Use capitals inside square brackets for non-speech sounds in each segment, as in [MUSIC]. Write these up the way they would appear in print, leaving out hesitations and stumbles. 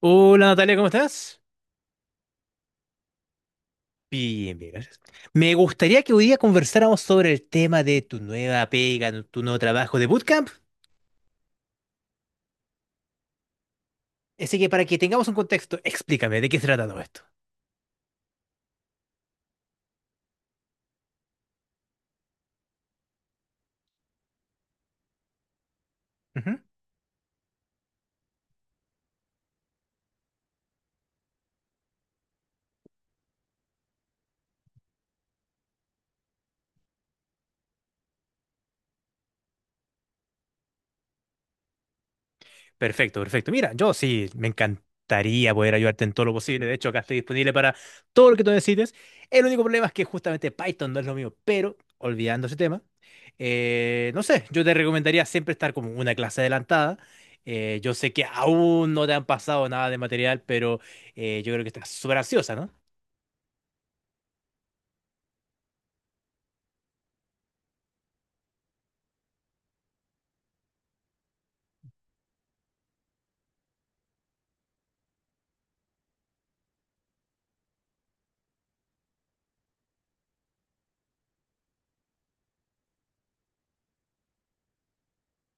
Hola Natalia, ¿cómo estás? Bien, bien, gracias. Me gustaría que hoy día conversáramos sobre el tema de tu nueva pega, tu nuevo trabajo de bootcamp. Así que para que tengamos un contexto, explícame de qué se trata todo esto. Perfecto, perfecto. Mira, yo sí, me encantaría poder ayudarte en todo lo posible. De hecho, acá estoy disponible para todo lo que tú necesites. El único problema es que justamente Python no es lo mío, pero olvidando ese tema, no sé, yo te recomendaría siempre estar como una clase adelantada. Yo sé que aún no te han pasado nada de material, pero yo creo que estás súper ansiosa, ¿no?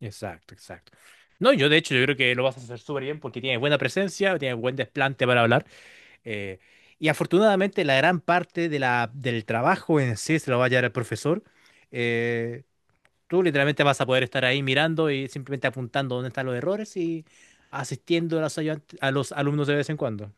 Exacto, exacto. No, yo de hecho, yo creo que lo vas a hacer súper bien porque tienes buena presencia, tienes buen desplante para hablar. Eh, y afortunadamente la gran parte de la, del trabajo en sí se lo va a llevar el profesor. Eh, Tú literalmente vas a poder estar ahí mirando y simplemente apuntando dónde están los errores y asistiendo a los, a los alumnos de vez en cuando.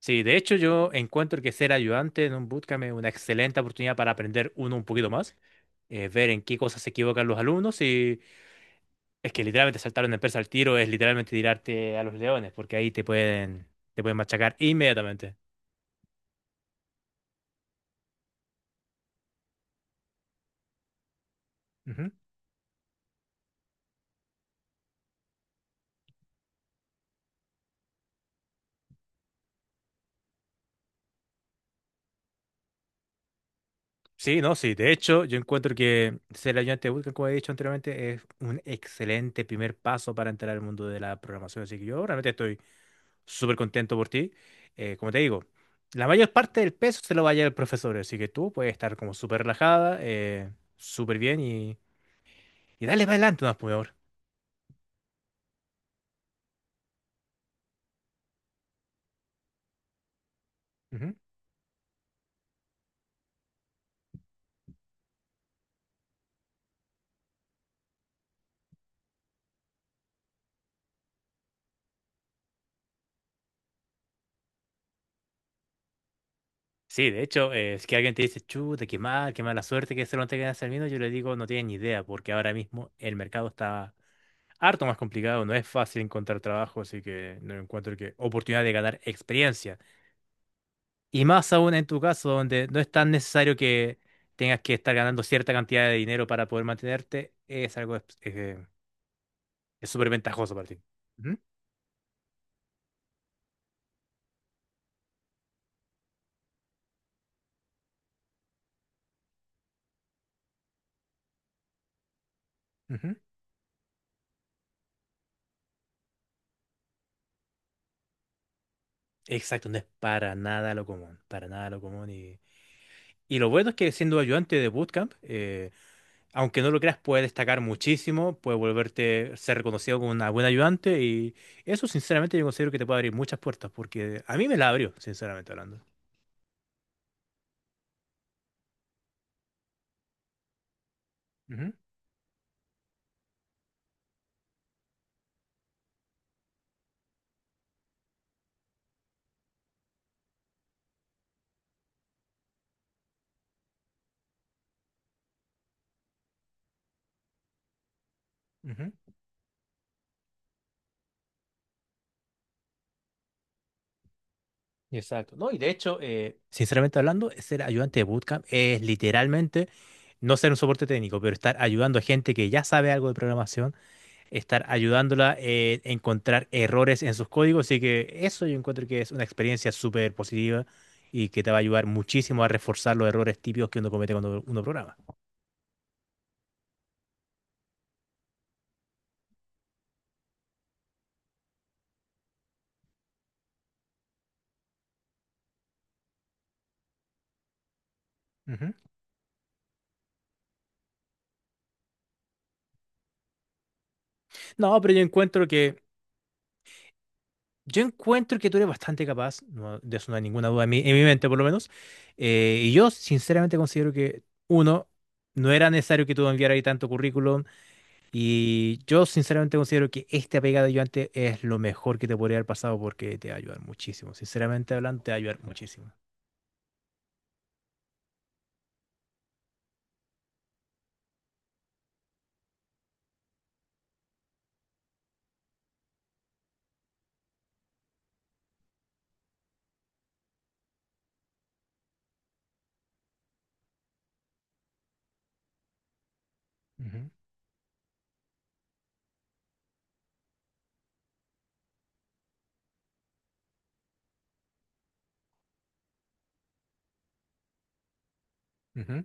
Sí, de hecho yo encuentro que ser ayudante en un bootcamp es una excelente oportunidad para aprender uno un poquito más, ver en qué cosas se equivocan los alumnos y es que literalmente saltar una empresa al tiro es literalmente tirarte a los leones porque ahí te pueden machacar inmediatamente. Ujú. Sí, no, sí. De hecho, yo encuentro que ser ayudante de bootcamp, como he dicho anteriormente, es un excelente primer paso para entrar al mundo de la programación. Así que yo realmente estoy súper contento por ti. Como te digo, la mayor parte del peso se lo va a llevar el profesor. Así que tú puedes estar como súper relajada, súper bien y dale para adelante, más por favor. Sí, de hecho, es que alguien te dice, chuta, qué mal, qué mala suerte que se lo tengan hacer vino, yo le digo, no tienen ni idea, porque ahora mismo el mercado está harto más complicado, no es fácil encontrar trabajo, así que no encuentro que oportunidad de ganar experiencia. Y más aún en tu caso, donde no es tan necesario que tengas que estar ganando cierta cantidad de dinero para poder mantenerte, es algo es súper ventajoso para ti. Ujú, ujú. Exacto, no es para nada lo común, para nada lo común. Y lo bueno es que siendo ayudante de bootcamp, aunque no lo creas, puede destacar muchísimo, puede volverte, ser reconocido como una buena ayudante y eso sinceramente yo considero que te puede abrir muchas puertas porque a mí me la abrió, sinceramente hablando. Ujú, ujú. Exacto. No, y de hecho, sinceramente hablando, ser ayudante de bootcamp es literalmente no ser un soporte técnico, pero estar ayudando a gente que ya sabe algo de programación estar ayudándola a encontrar errores en sus códigos. Así que eso yo encuentro que es una experiencia súper positiva y que te va a ayudar muchísimo a reforzar los errores típicos que uno comete cuando uno programa. Ujú. No, pero yo encuentro que tú eres bastante capaz, no, de eso no hay ninguna duda en mi mente por lo menos. Y yo sinceramente considero que uno no era necesario que tú enviaras ahí tanto currículum. Y yo sinceramente considero que este apegado ayudante es lo mejor que te podría haber pasado porque te va a ayudar muchísimo. Sinceramente hablando, te va a ayudar muchísimo. Ujú, ujú.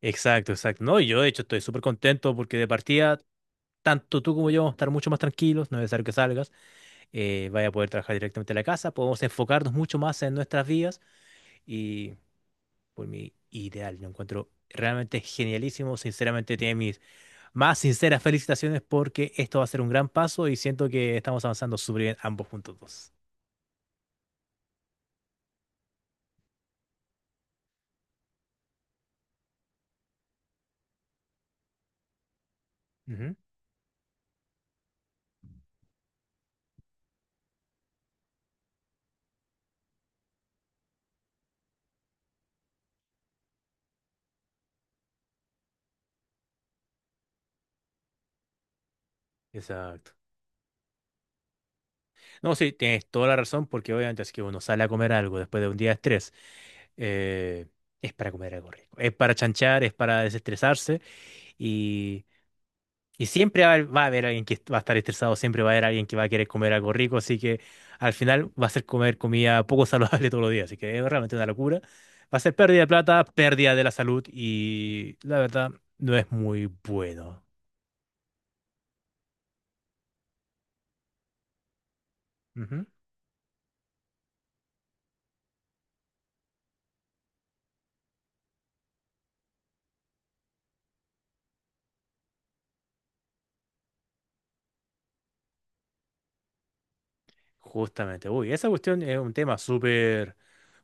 Exacto, exacto. No, y yo de hecho estoy súper contento porque de partida, tanto tú como yo vamos a estar mucho más tranquilos, no es necesario que salgas, vaya a poder trabajar directamente en la casa, podemos enfocarnos mucho más en nuestras vidas y por mi ideal, lo encuentro realmente genialísimo, sinceramente tiene mis más sinceras felicitaciones porque esto va a ser un gran paso y siento que estamos avanzando súper bien ambos puntos dos. Ujú, exacto. No, sí, tienes toda la razón porque obviamente es que uno sale a comer algo después de un día de estrés. eh, es para comer algo rico, es para chanchar, es para desestresarse. Y siempre va a haber alguien que va a estar estresado, siempre va a haber alguien que va a querer comer algo rico, así que al final va a ser comer comida poco saludable [LAUGHS] todos los días, así que es realmente una locura. Va a ser pérdida de plata, pérdida de la salud y la verdad no es muy bueno. Justamente, uy, esa cuestión es un tema súper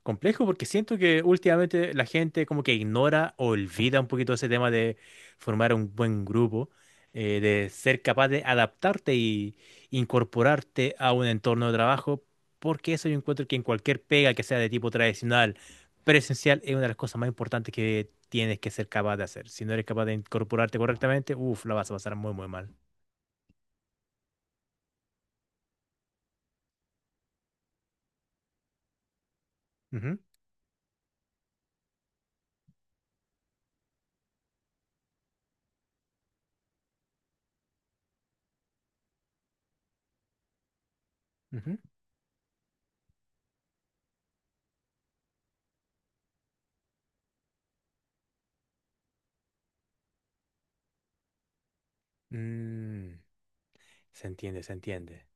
complejo porque siento que últimamente la gente como que ignora o olvida un poquito ese tema de formar un buen grupo, de ser capaz de adaptarte y incorporarte a un entorno de trabajo, porque eso yo encuentro que en cualquier pega que sea de tipo tradicional, presencial, es una de las cosas más importantes que tienes que ser capaz de hacer. Si no eres capaz de incorporarte correctamente, uff, la vas a pasar muy, muy mal. Ujú, ujú. Mm, se entiende, se entiende.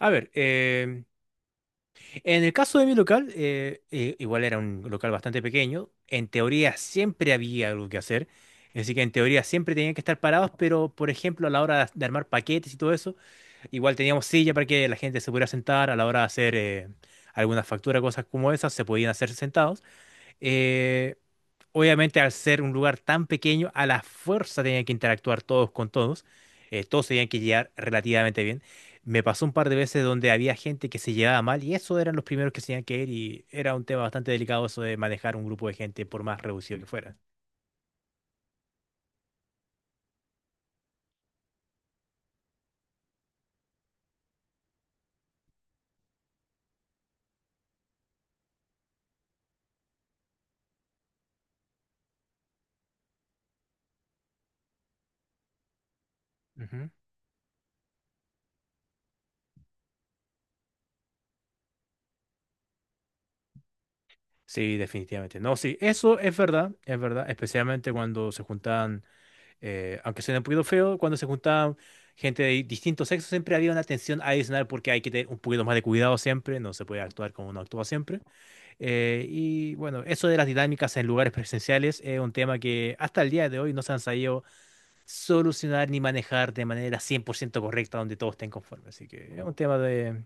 A ver, en el caso de mi local, igual era un local bastante pequeño, en teoría siempre había algo que hacer, así que en teoría siempre tenían que estar parados, pero por ejemplo a la hora de armar paquetes y todo eso, igual teníamos silla para que la gente se pudiera sentar, a la hora de hacer alguna factura, cosas como esas, se podían hacer sentados. Eh, Obviamente, al ser un lugar tan pequeño, a la fuerza tenían que interactuar todos con todos. Eh, todos tenían que llegar relativamente bien. Me pasó un par de veces donde había gente que se llevaba mal y eso eran los primeros que se tenían que ir y era un tema bastante delicado eso de manejar un grupo de gente por más reducido que fuera. Ujú. Sí, definitivamente. No, sí, eso es verdad, especialmente cuando se juntaban aunque suena un poquito feo, cuando se juntaban gente de distintos sexos, siempre había una tensión adicional porque hay que tener un poquito más de cuidado siempre, no se puede actuar como uno actúa siempre. Y bueno, eso de las dinámicas en lugares presenciales es un tema que hasta el día de hoy no se han sabido solucionar ni manejar de manera 100% correcta donde todos estén conformes. Así que es un tema de,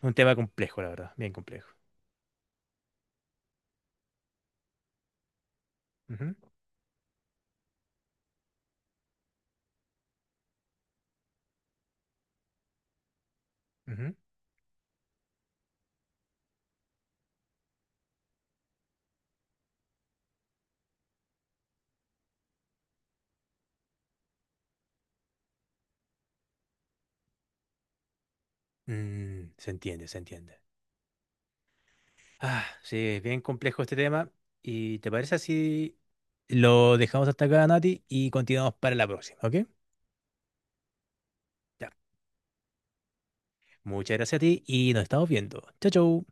un tema complejo, la verdad, bien complejo. Ujú, ujú. Mm, se entiende, se entiende. Ah, sí, es bien complejo este tema. ¿Y te parece así? Lo dejamos hasta acá, Nati, y continuamos para la próxima, ¿ok? Ya. Muchas gracias a ti y nos estamos viendo. Chao, chao.